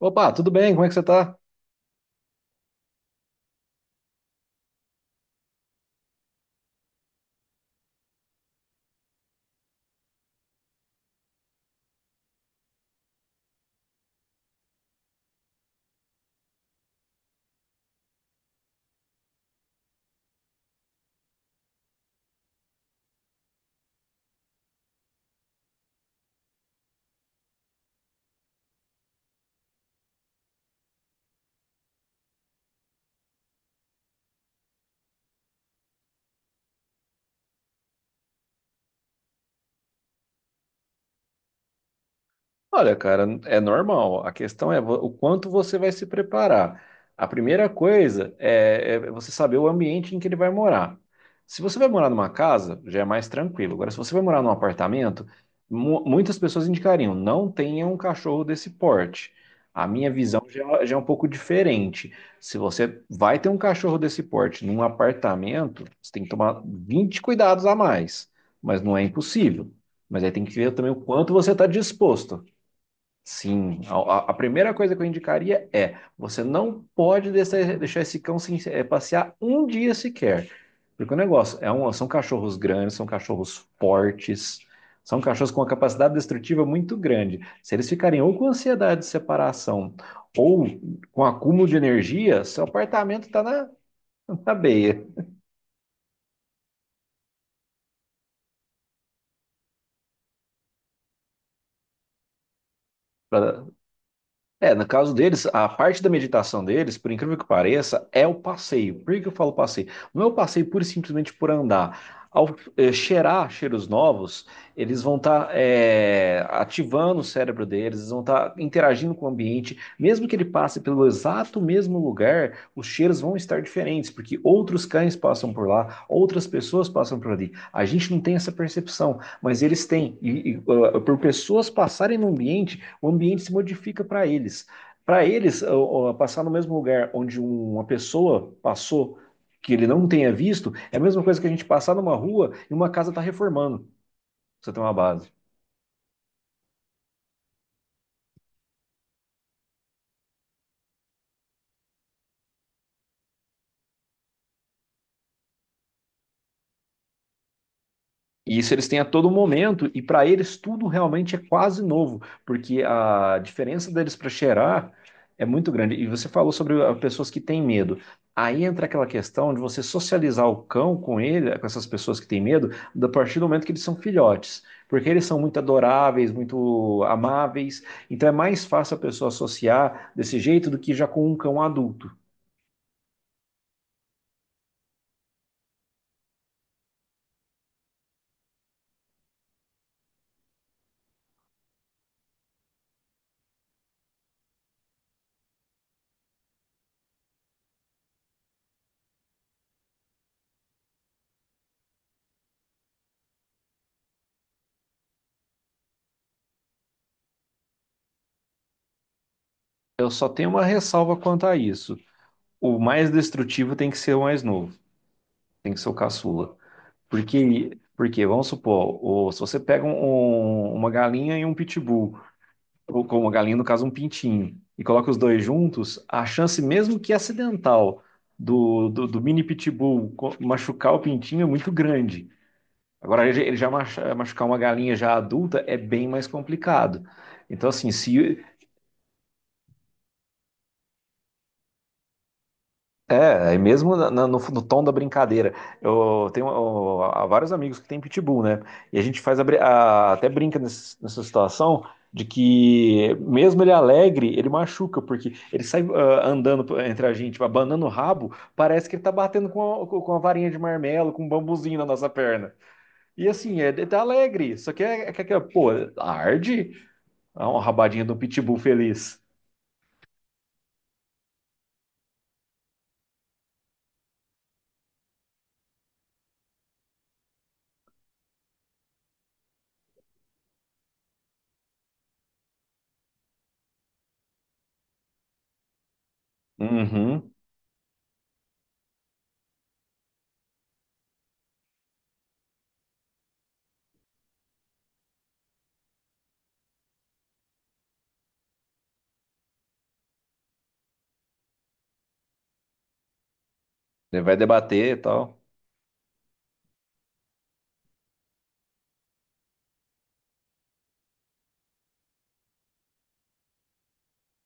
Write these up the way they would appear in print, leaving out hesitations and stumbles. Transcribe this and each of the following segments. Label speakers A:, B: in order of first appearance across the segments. A: Opa, tudo bem? Como é que você tá? Olha, cara, é normal. A questão é o quanto você vai se preparar. A primeira coisa é você saber o ambiente em que ele vai morar. Se você vai morar numa casa, já é mais tranquilo. Agora, se você vai morar num apartamento, muitas pessoas indicariam, não tenha um cachorro desse porte. A minha visão já é um pouco diferente. Se você vai ter um cachorro desse porte num apartamento, você tem que tomar 20 cuidados a mais, mas não é impossível. Mas aí tem que ver também o quanto você está disposto. Sim, primeira coisa que eu indicaria é: você não pode deixar esse cão se, passear um dia sequer. Porque o negócio é um, são cachorros grandes, são cachorros fortes, são cachorros com uma capacidade destrutiva muito grande. Se eles ficarem ou com ansiedade de separação ou com acúmulo de energia, seu apartamento está na beia para É, no caso deles, a parte da meditação deles, por incrível que pareça, é o passeio. Por que que eu falo passeio? Não é o passeio pura e simplesmente por andar. Ao cheirar cheiros novos, eles vão estar ativando o cérebro deles, eles vão estar interagindo com o ambiente. Mesmo que ele passe pelo exato mesmo lugar, os cheiros vão estar diferentes, porque outros cães passam por lá, outras pessoas passam por ali. A gente não tem essa percepção, mas eles têm. E por pessoas passarem no ambiente, o ambiente se modifica para eles. Para eles, passar no mesmo lugar onde uma pessoa passou que ele não tenha visto, é a mesma coisa que a gente passar numa rua e uma casa está reformando. Pra Você tem uma base. E isso eles têm a todo momento, e para eles tudo realmente é quase novo, porque a diferença deles para cheirar é muito grande. E você falou sobre ah, pessoas que têm medo. Aí entra aquela questão de você socializar o cão com ele, com essas pessoas que têm medo, a partir do momento que eles são filhotes, porque eles são muito adoráveis, muito amáveis. Então é mais fácil a pessoa associar desse jeito do que já com um cão adulto. Eu só tenho uma ressalva quanto a isso. O mais destrutivo tem que ser o mais novo, tem que ser o caçula. Porque vamos supor, se você pega uma galinha e um pitbull, ou com uma galinha, no caso, um pintinho, e coloca os dois juntos, a chance, mesmo que acidental, do mini pitbull machucar o pintinho é muito grande. Agora, ele já machucar uma galinha já adulta é bem mais complicado. Então, assim, se, é, e mesmo no tom da brincadeira. Eu tenho ó, há vários amigos que têm pitbull, né? E a gente faz a até brinca nessa situação de que, mesmo ele alegre, ele machuca, porque ele sai ah, andando entre a gente, abanando o rabo, parece que ele tá batendo com a varinha de marmelo, com um bambuzinho na nossa perna. E assim, é, ele tá alegre, só que pô, arde. Ah, uma rabadinha do pitbull feliz. Uhum, ele vai debater e tal,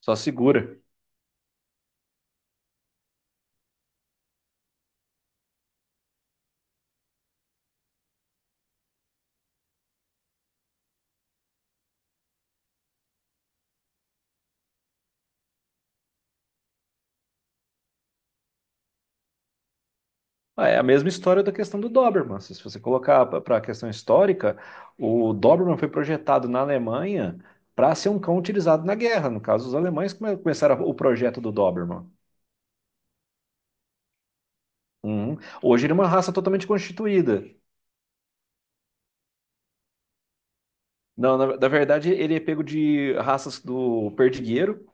A: só segura. Ah, é a mesma história da questão do Doberman. Se você colocar para a questão histórica, o Doberman foi projetado na Alemanha para ser um cão utilizado na guerra. No caso, os alemães começaram o projeto do Doberman. Uhum. Hoje ele é uma raça totalmente constituída. Não, na verdade, ele é pego de raças do perdigueiro,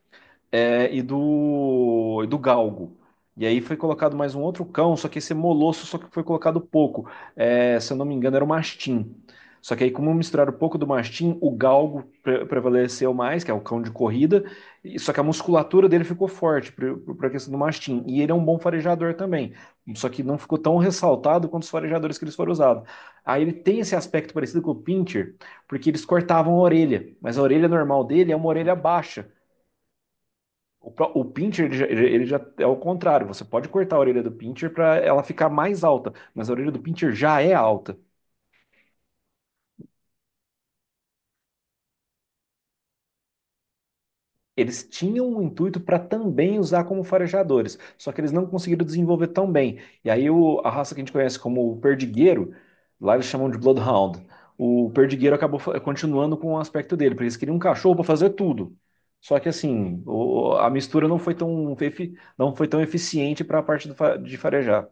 A: e do galgo. E aí foi colocado mais um outro cão, só que esse é molosso, só que foi colocado pouco. É, se eu não me engano, era o mastim. Só que aí, como misturaram pouco do mastim, o galgo prevaleceu mais, que é o cão de corrida, só que a musculatura dele ficou forte para a questão do mastim. E ele é um bom farejador também, só que não ficou tão ressaltado quanto os farejadores que eles foram usados. Aí ele tem esse aspecto parecido com o pincher, porque eles cortavam a orelha, mas a orelha normal dele é uma orelha baixa. O pincher, ele já é o contrário. Você pode cortar a orelha do pincher para ela ficar mais alta, mas a orelha do pincher já é alta. Eles tinham um intuito para também usar como farejadores, só que eles não conseguiram desenvolver tão bem. E aí a raça que a gente conhece como o perdigueiro, lá eles chamam de Bloodhound. O perdigueiro acabou continuando com o aspecto dele, porque eles queriam um cachorro para fazer tudo. Só que assim, a mistura não foi tão, não foi tão eficiente para a parte do de farejar.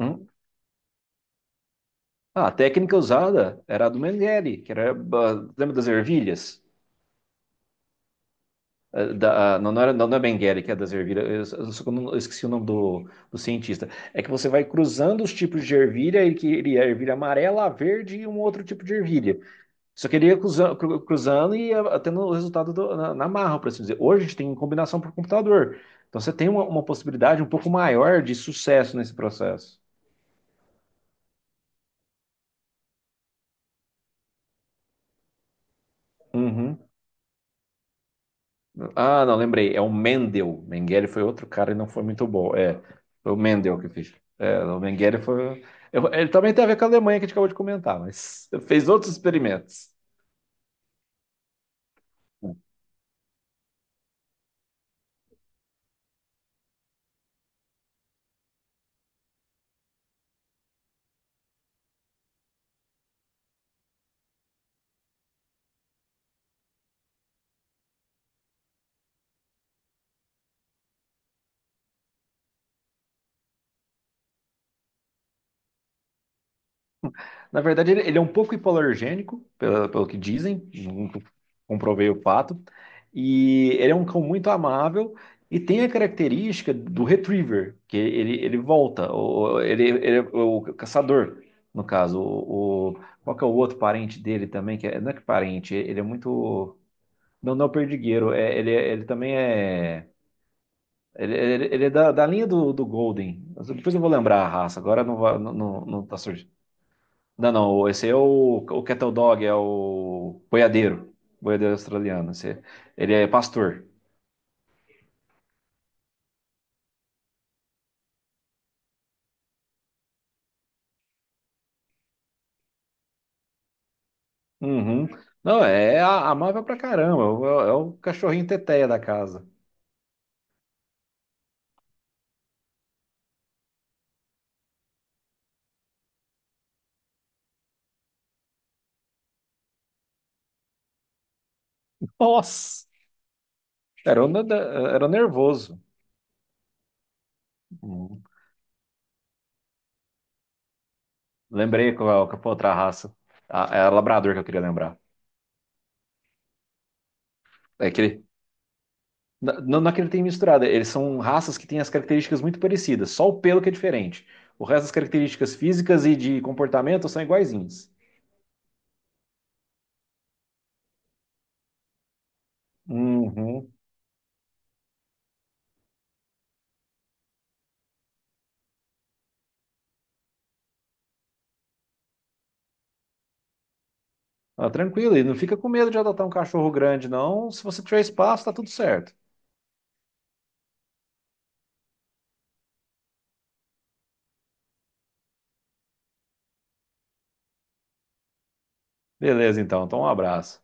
A: Hum? Ah, a técnica usada era a do Mengele, que era, ah, lembra das ervilhas? Ah, não, não era, não, não é Mengele que é das ervilhas, eu só que eu eu esqueci o nome do cientista. É que você vai cruzando os tipos de ervilha, e que ele é ervilha amarela, a verde e um outro tipo de ervilha. Só queria ele cruzando, e ia tendo o resultado na, na marra, por assim dizer. Hoje a gente tem combinação por computador. Então você tem uma possibilidade um pouco maior de sucesso nesse processo. Uhum. Ah, não, lembrei. É o Mendel. Mengele foi outro cara e não foi muito bom. É, foi o Mendel que fez. É, o Mengele foi. Ele também tem a ver com a Alemanha que a gente acabou de comentar, mas fez outros experimentos. Na verdade, ele é um pouco hipoalergênico, pelo que dizem, nunca comprovei o fato. E ele é um cão muito amável e tem a característica do retriever, que ele volta, ele é o caçador, no caso. Qual que é o outro parente dele também? Que não é que parente, ele é muito. Não, não é o perdigueiro, ele também é. Ele é da, da linha do Golden. Depois eu vou lembrar a raça, agora não, não, não, não tá surgindo. Não, não, esse é o Cattle Dog, é o boiadeiro, boiadeiro australiano. Esse, ele é pastor. Uhum. Não, é amável pra caramba, é é o cachorrinho teteia da casa. Nossa, era, o nada- era o nervoso. Uhum. Lembrei qual, qual foi a outra raça. A, é a labrador que eu queria lembrar. É que ele, não, não é que ele tem misturado, eles são raças que têm as características muito parecidas, só o pelo que é diferente. O resto das características físicas e de comportamento são iguaizinhas. Uhum. Ah, tranquilo, e não fica com medo de adotar um cachorro grande, não. Se você tiver espaço, tá tudo certo. Beleza, então. Então, um abraço.